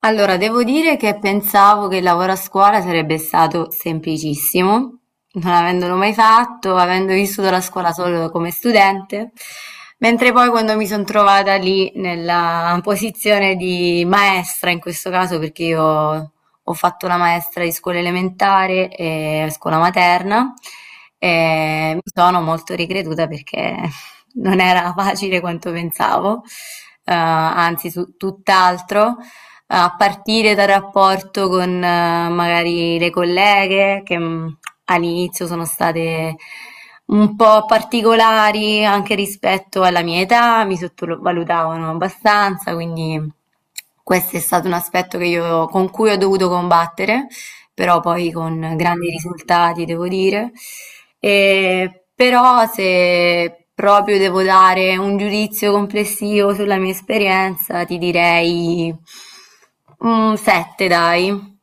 Allora, devo dire che pensavo che il lavoro a scuola sarebbe stato semplicissimo, non avendolo mai fatto, avendo vissuto la scuola solo come studente, mentre poi quando mi sono trovata lì nella posizione di maestra, in questo caso perché io ho fatto la maestra di scuola elementare e scuola materna, e mi sono molto ricreduta perché non era facile quanto pensavo, anzi tutt'altro, a partire dal rapporto con magari le colleghe che all'inizio sono state un po' particolari anche rispetto alla mia età, mi sottovalutavano abbastanza, quindi questo è stato un aspetto che con cui ho dovuto combattere, però poi con grandi risultati devo dire. E però, se proprio devo dare un giudizio complessivo sulla mia esperienza, ti direi un 7, dai.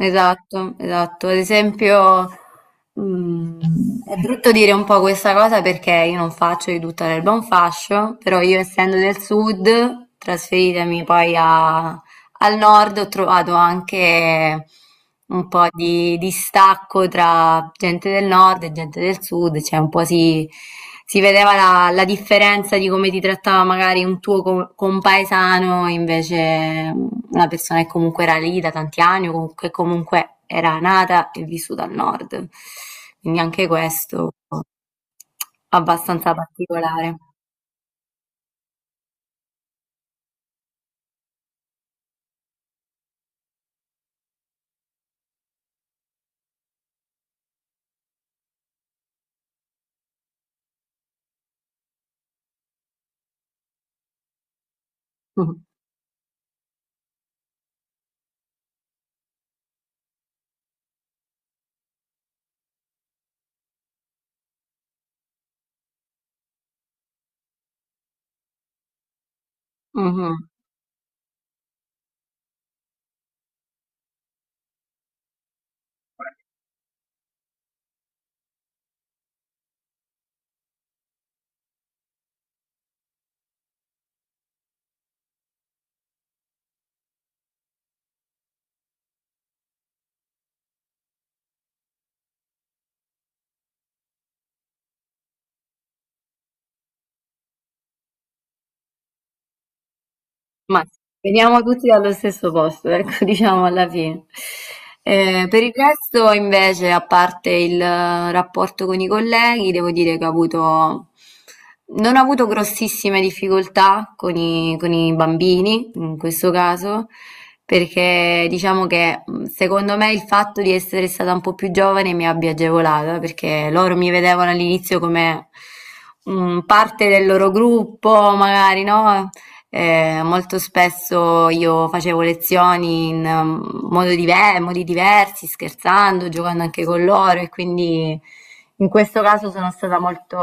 Esatto, esatto. Ad esempio, mm, è brutto dire un po' questa cosa perché io non faccio di tutta l'erba un fascio, però io, essendo del sud, trasferitemi poi a Al nord, ho trovato anche un po' di distacco tra gente del nord e gente del sud, cioè un po' si vedeva la, la differenza di come ti trattava magari un tuo compaesano, invece una persona che comunque era lì da tanti anni, o che comunque era nata e vissuta al nord. Quindi anche questo abbastanza particolare. Mhm. Ma veniamo tutti dallo stesso posto, ecco, diciamo alla fine. Per il resto, invece, a parte il rapporto con i colleghi, devo dire che non ho avuto grossissime difficoltà con con i bambini, in questo caso, perché diciamo che secondo me il fatto di essere stata un po' più giovane mi abbia agevolata, perché loro mi vedevano all'inizio come... parte del loro gruppo, magari, no? Molto spesso io facevo lezioni in modi diversi, scherzando, giocando anche con loro e quindi in questo caso sono stata molto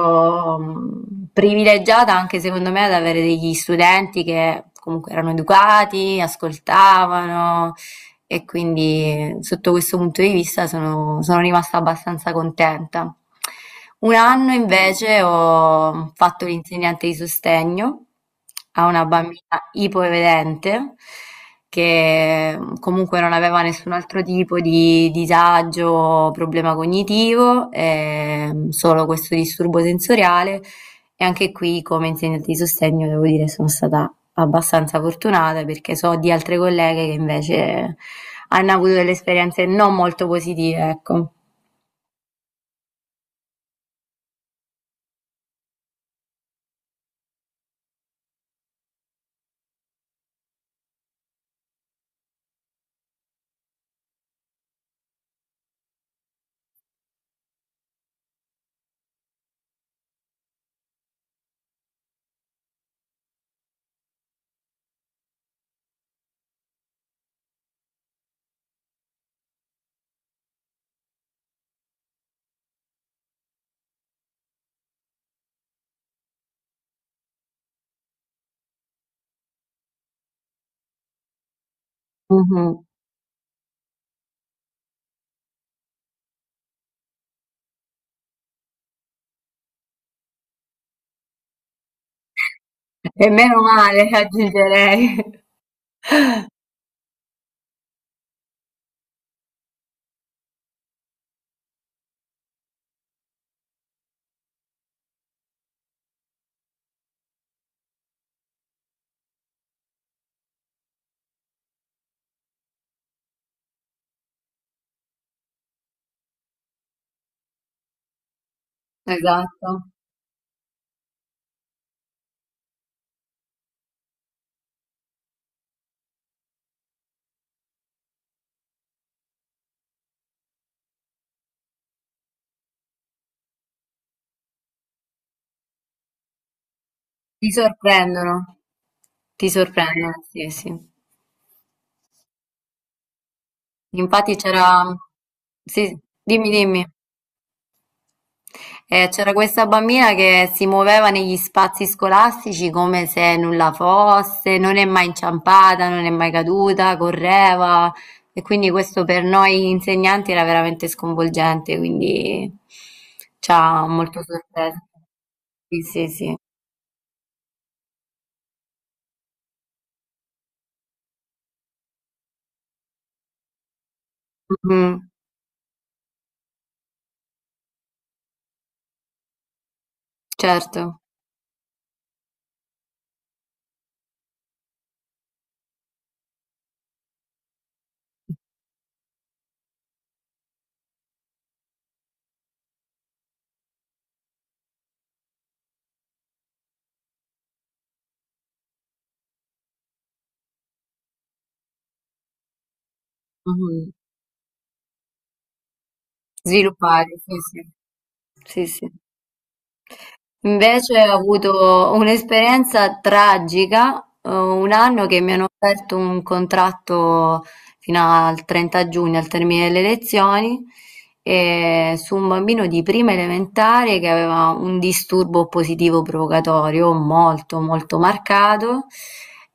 privilegiata anche secondo me ad avere degli studenti che comunque erano educati, ascoltavano, e quindi sotto questo punto di vista sono rimasta abbastanza contenta. Un anno invece ho fatto l'insegnante di sostegno a una bambina ipovedente che comunque non aveva nessun altro tipo di disagio o problema cognitivo, solo questo disturbo sensoriale. E anche qui, come insegnante di sostegno, devo dire, sono stata abbastanza fortunata perché so di altre colleghe che invece hanno avuto delle esperienze non molto positive, ecco. Mh-mh. E meno male, aggiungerei. Esatto. Ti sorprendono. Ti sorprendono, sì, sì. Infatti c'era sì, dimmi, dimmi. C'era questa bambina che si muoveva negli spazi scolastici come se nulla fosse, non è mai inciampata, non è mai caduta, correva, e quindi questo per noi insegnanti era veramente sconvolgente, quindi ci ha molto sorpreso. Sì, sì, sì. Mhm. Certo. Mhm. Sviluppare, sì, sì. Sì, sì. Invece ho avuto un'esperienza tragica, un anno che mi hanno offerto un contratto fino al 30 giugno, al termine delle lezioni, su un bambino di prima elementare che aveva un disturbo positivo provocatorio molto molto marcato.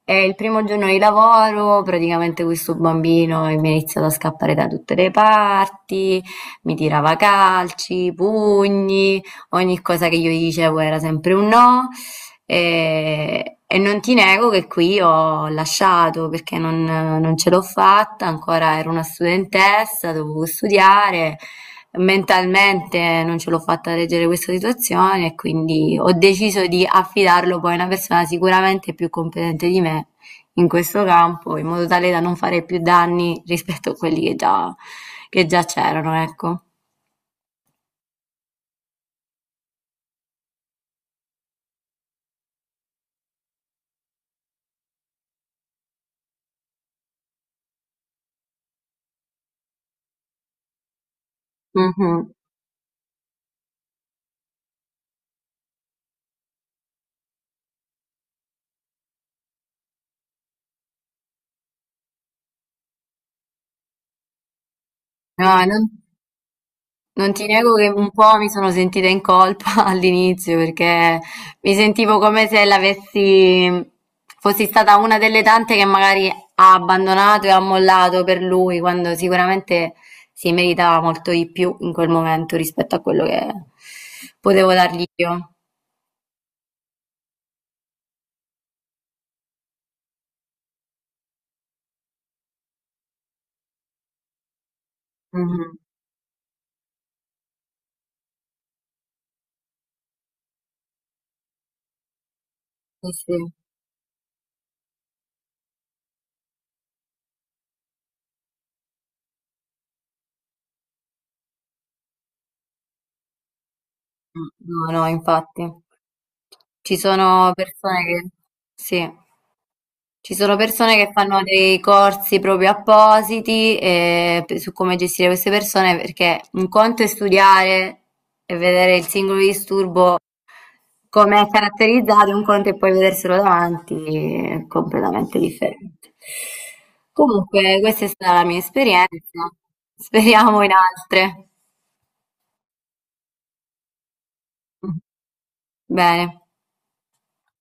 E il primo giorno di lavoro, praticamente questo bambino mi ha iniziato a scappare da tutte le parti, mi tirava calci, pugni. Ogni cosa che io gli dicevo era sempre un no, e non ti nego che qui ho lasciato perché non ce l'ho fatta, ancora ero una studentessa, dovevo studiare, mentalmente non ce l'ho fatta reggere questa situazione e quindi ho deciso di affidarlo poi a una persona sicuramente più competente di me in questo campo, in modo tale da non fare più danni rispetto a quelli che già c'erano, ecco. Mhm. No, non. Non ti nego che un po' mi sono sentita in colpa all'inizio perché mi sentivo come se l'avessi, fossi stata una delle tante che magari ha abbandonato e ha mollato per lui, quando sicuramente si meritava molto di più in quel momento rispetto a quello che potevo dargli io. Mhm. Sì, sì. No, no, infatti. Ci sono persone che... Sì. Ci sono persone che fanno dei corsi proprio appositi su come gestire queste persone, perché un conto è studiare e vedere il singolo disturbo come è caratterizzato, un conto è poi vederselo davanti, è completamente differente. Comunque, questa è stata la mia esperienza, speriamo in altre. Bene.